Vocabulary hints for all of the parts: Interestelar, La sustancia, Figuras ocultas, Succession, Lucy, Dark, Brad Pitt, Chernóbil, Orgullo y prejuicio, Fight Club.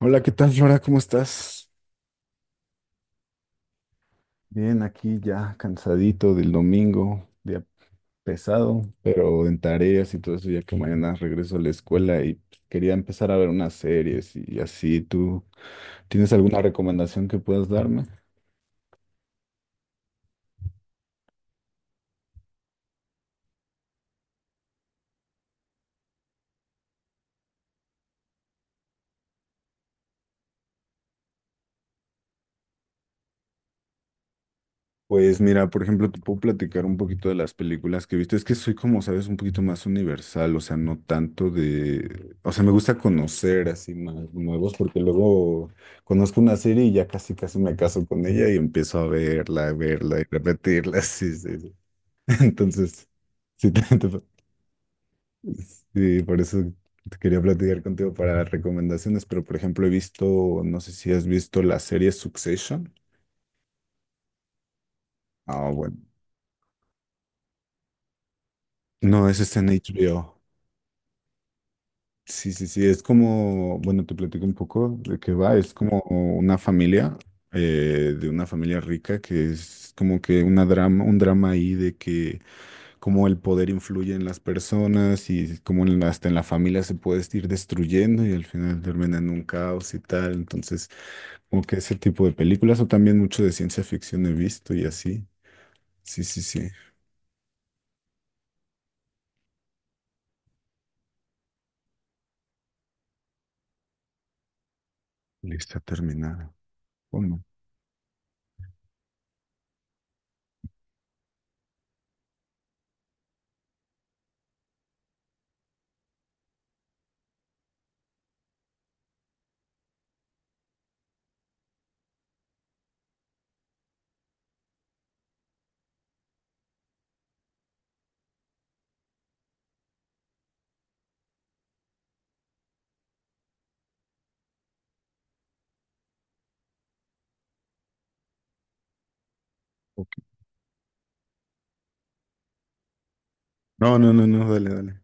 Hola, ¿qué tal, Flora? ¿Cómo estás? Bien, aquí ya cansadito del domingo, día pesado, pero en tareas y todo eso, ya que mañana regreso a la escuela y pues, quería empezar a ver unas series y así. ¿Tú tienes alguna recomendación que puedas darme? Pues mira, por ejemplo, te puedo platicar un poquito de las películas que he visto. Es que soy, como sabes, un poquito más universal, o sea, no tanto de. O sea, me gusta conocer así más nuevos, porque luego conozco una serie y ya casi, casi me caso con ella y empiezo a verla y repetirla. Sí, sí, sí. Entonces, sí, sí, por eso te quería platicar contigo para recomendaciones, pero por ejemplo, he visto, no sé si has visto la serie Succession. Ah, bueno. No, ese está en HBO. Sí, sí, sí, es como, bueno, te platico un poco de qué va, es como una familia, de una familia rica, que es como que una drama, un drama ahí de que cómo el poder influye en las personas y cómo en la- hasta en la familia se puede ir destruyendo y al final termina en un caos y tal, entonces como que ese tipo de películas o también mucho de ciencia ficción he visto y así, sí, sí, sí, lista terminada, ¿o no? Ok. No, no, no, no, dale, dale.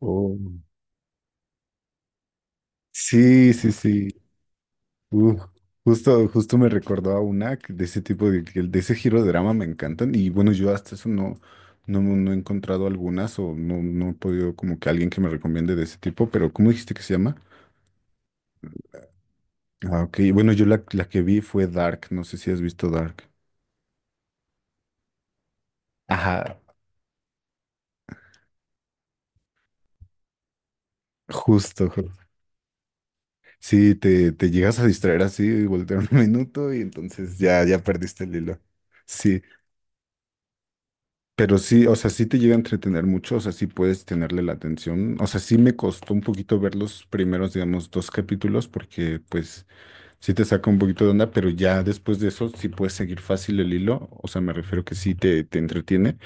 Oh. No. Sí, sí, sí. Uh, justo, justo me recordó a una que de ese tipo de, que de ese giro de drama me encantan. Y bueno, yo hasta eso no, no, no he encontrado algunas o no, no he podido como que alguien que me recomiende de ese tipo. Pero, ¿cómo dijiste que se llama? Ah, ok. Bueno, yo la, la que vi fue Dark. No sé si has visto Dark. Ajá, justo. Sí, te llegas a distraer así y voltear un minuto y entonces ya, ya perdiste el hilo. Sí. Pero sí, o sea, sí te llega a entretener mucho, o sea, sí puedes tenerle la atención. O sea, sí me costó un poquito ver los primeros, digamos, dos capítulos, porque pues sí te saca un poquito de onda, pero ya después de eso sí puedes seguir fácil el hilo. O sea, me refiero que sí te entretiene,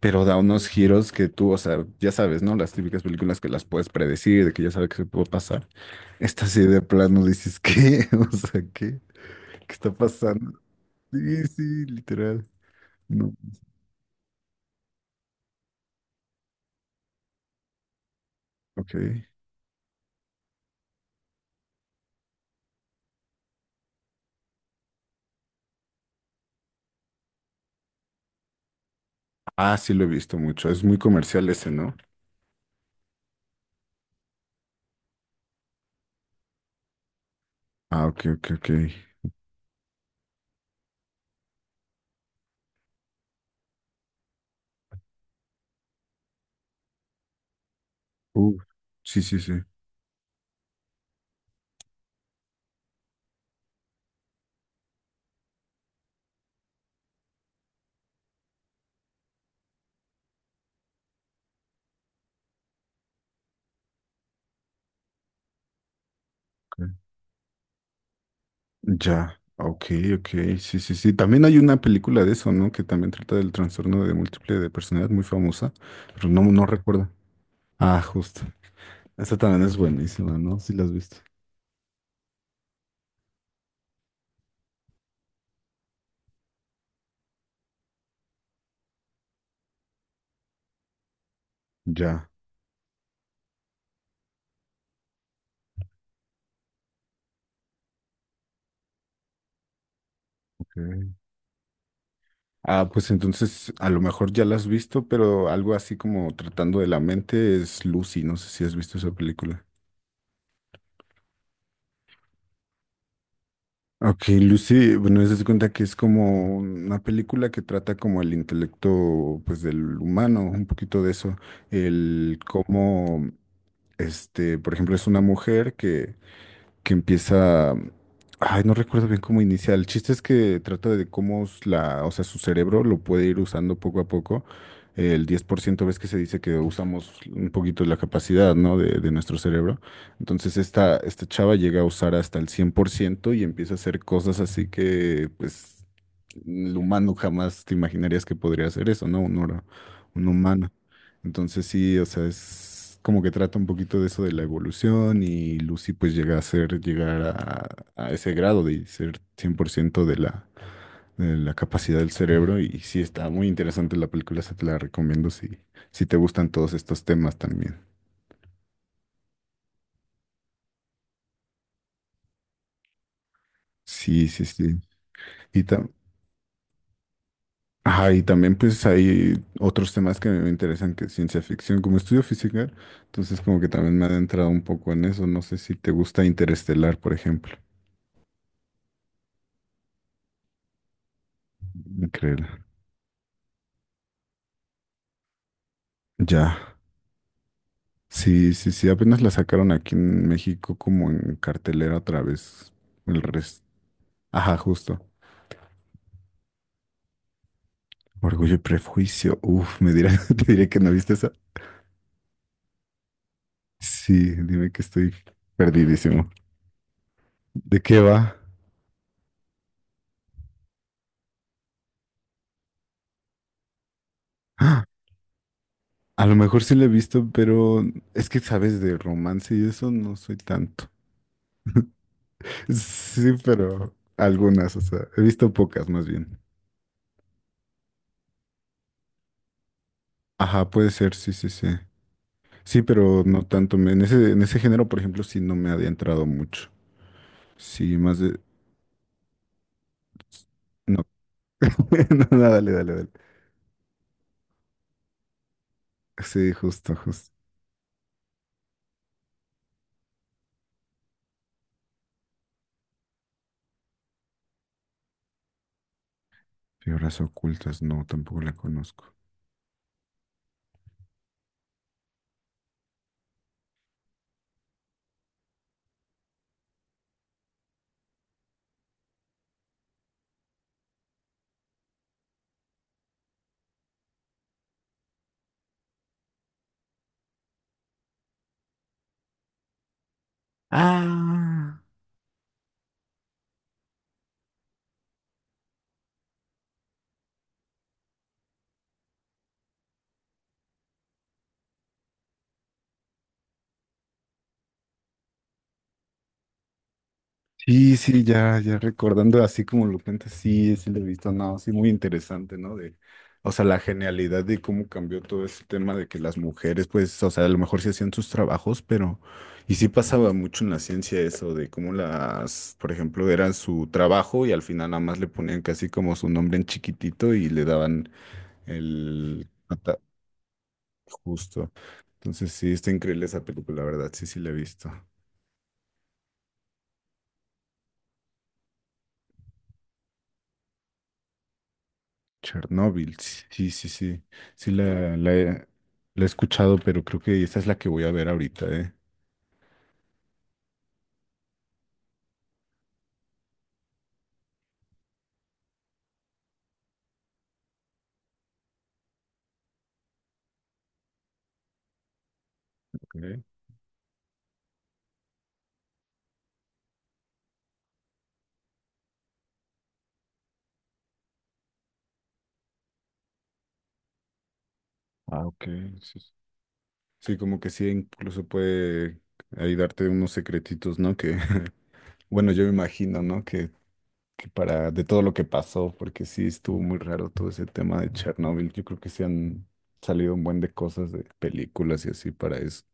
pero da unos giros que tú, o sea, ya sabes, ¿no? Las típicas películas que las puedes predecir, de que ya sabes que se puede pasar. Esta sí de plano dices, ¿qué? O sea, ¿qué? ¿Qué está pasando? Sí, sí, literal. No, ok. Ah, sí lo he visto mucho. Es muy comercial ese, ¿no? Ah, ok, ok, ok. Uh, sí, sí, sí. Ok. Ya. Ok, ok. Sí, sí, sí. También hay una película de eso, ¿no? Que también trata del trastorno de múltiple de personalidad, muy famosa, pero no, no recuerdo. Ah, justo. Esa también es buenísima, ¿no? Sí la has visto. Ya. Ok. Ah, pues entonces a lo mejor ya la has visto, pero algo así como tratando de la mente es Lucy. No sé si has visto esa película. Ok, Lucy, bueno, eso se cuenta que es como una película que trata como el intelecto, pues, del humano, un poquito de eso, el cómo, este, por ejemplo, es una mujer que empieza, ay, no recuerdo bien cómo inicia, el chiste es que trata de cómo la, o sea, su cerebro lo puede ir usando poco a poco, el 10% ves que se dice que usamos un poquito la capacidad, ¿no? de nuestro cerebro. Entonces esta chava llega a usar hasta el 100% y empieza a hacer cosas así que, pues, el humano jamás te imaginarías que podría hacer eso, ¿no? Un humano. Entonces sí, o sea, es como que trata un poquito de eso de la evolución y Lucy pues llega a ser, llegar a ese grado de ser 100% de la capacidad del cerebro y sí está muy interesante la película, se te la recomiendo si, te gustan todos estos temas también. Sí, sí, sí. y tam- Ajá, y también pues hay otros temas que me interesan que es ciencia ficción, como estudio física, entonces como que también me he adentrado un poco en eso, no sé si te gusta Interestelar, por ejemplo. Increíble. Ya, sí, sí, sí, apenas la sacaron aquí en México como en cartelera otra vez, el resto. Ajá, justo. Orgullo y Prejuicio, uf, me dirá, te diré que no viste esa. Sí, dime que estoy perdidísimo. ¿De qué va? A lo mejor sí la he visto, pero es que sabes de romance y eso no soy tanto. Sí, pero algunas, o sea, he visto pocas más bien. Ajá, puede ser, sí, sí, sí. Sí, pero no tanto. En ese género, por ejemplo, sí no me ha adentrado mucho. Sí, más de. No, no, no, dale, dale, dale. Sí, justo, justo. Figuras Ocultas, no, tampoco la conozco. Ah. Sí, sí, ya, ya recordando así como lo cuentas, sí, sí lo he visto, no, sí, muy interesante, ¿no? De, o sea, la genialidad de cómo cambió todo ese tema de que las mujeres, pues, o sea, a lo mejor sí hacían sus trabajos, pero, y sí pasaba mucho en la ciencia eso, de cómo las, por ejemplo, eran su trabajo y al final nada más le ponían casi como su nombre en chiquitito y le daban el. Justo. Entonces, sí, está increíble esa película, la verdad, sí, sí la he visto. Chernóbil, sí, sí, sí. Sí, la he escuchado, pero creo que esta es la que voy a ver ahorita, ¿eh? Ok. Ah, ok. Sí, sí. Sí, como que sí, incluso puede ahí darte unos secretitos, ¿no? Que, bueno, yo me imagino, ¿no? Que para, de todo lo que pasó, porque sí estuvo muy raro todo ese tema de Chernóbil. Yo creo que sí han salido un buen de cosas, de películas y así para eso.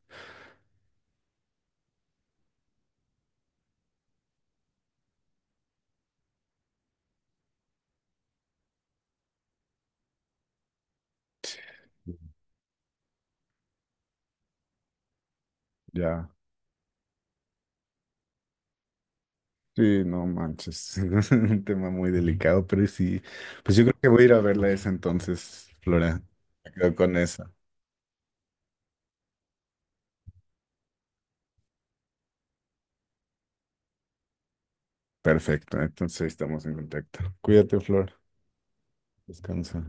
Ya. Sí, no manches, es un tema muy delicado, pero sí, pues yo creo que voy a ir a verla esa entonces, Flora. Me quedo con esa. Perfecto, entonces ahí estamos en contacto. Cuídate, Flor. Descansa.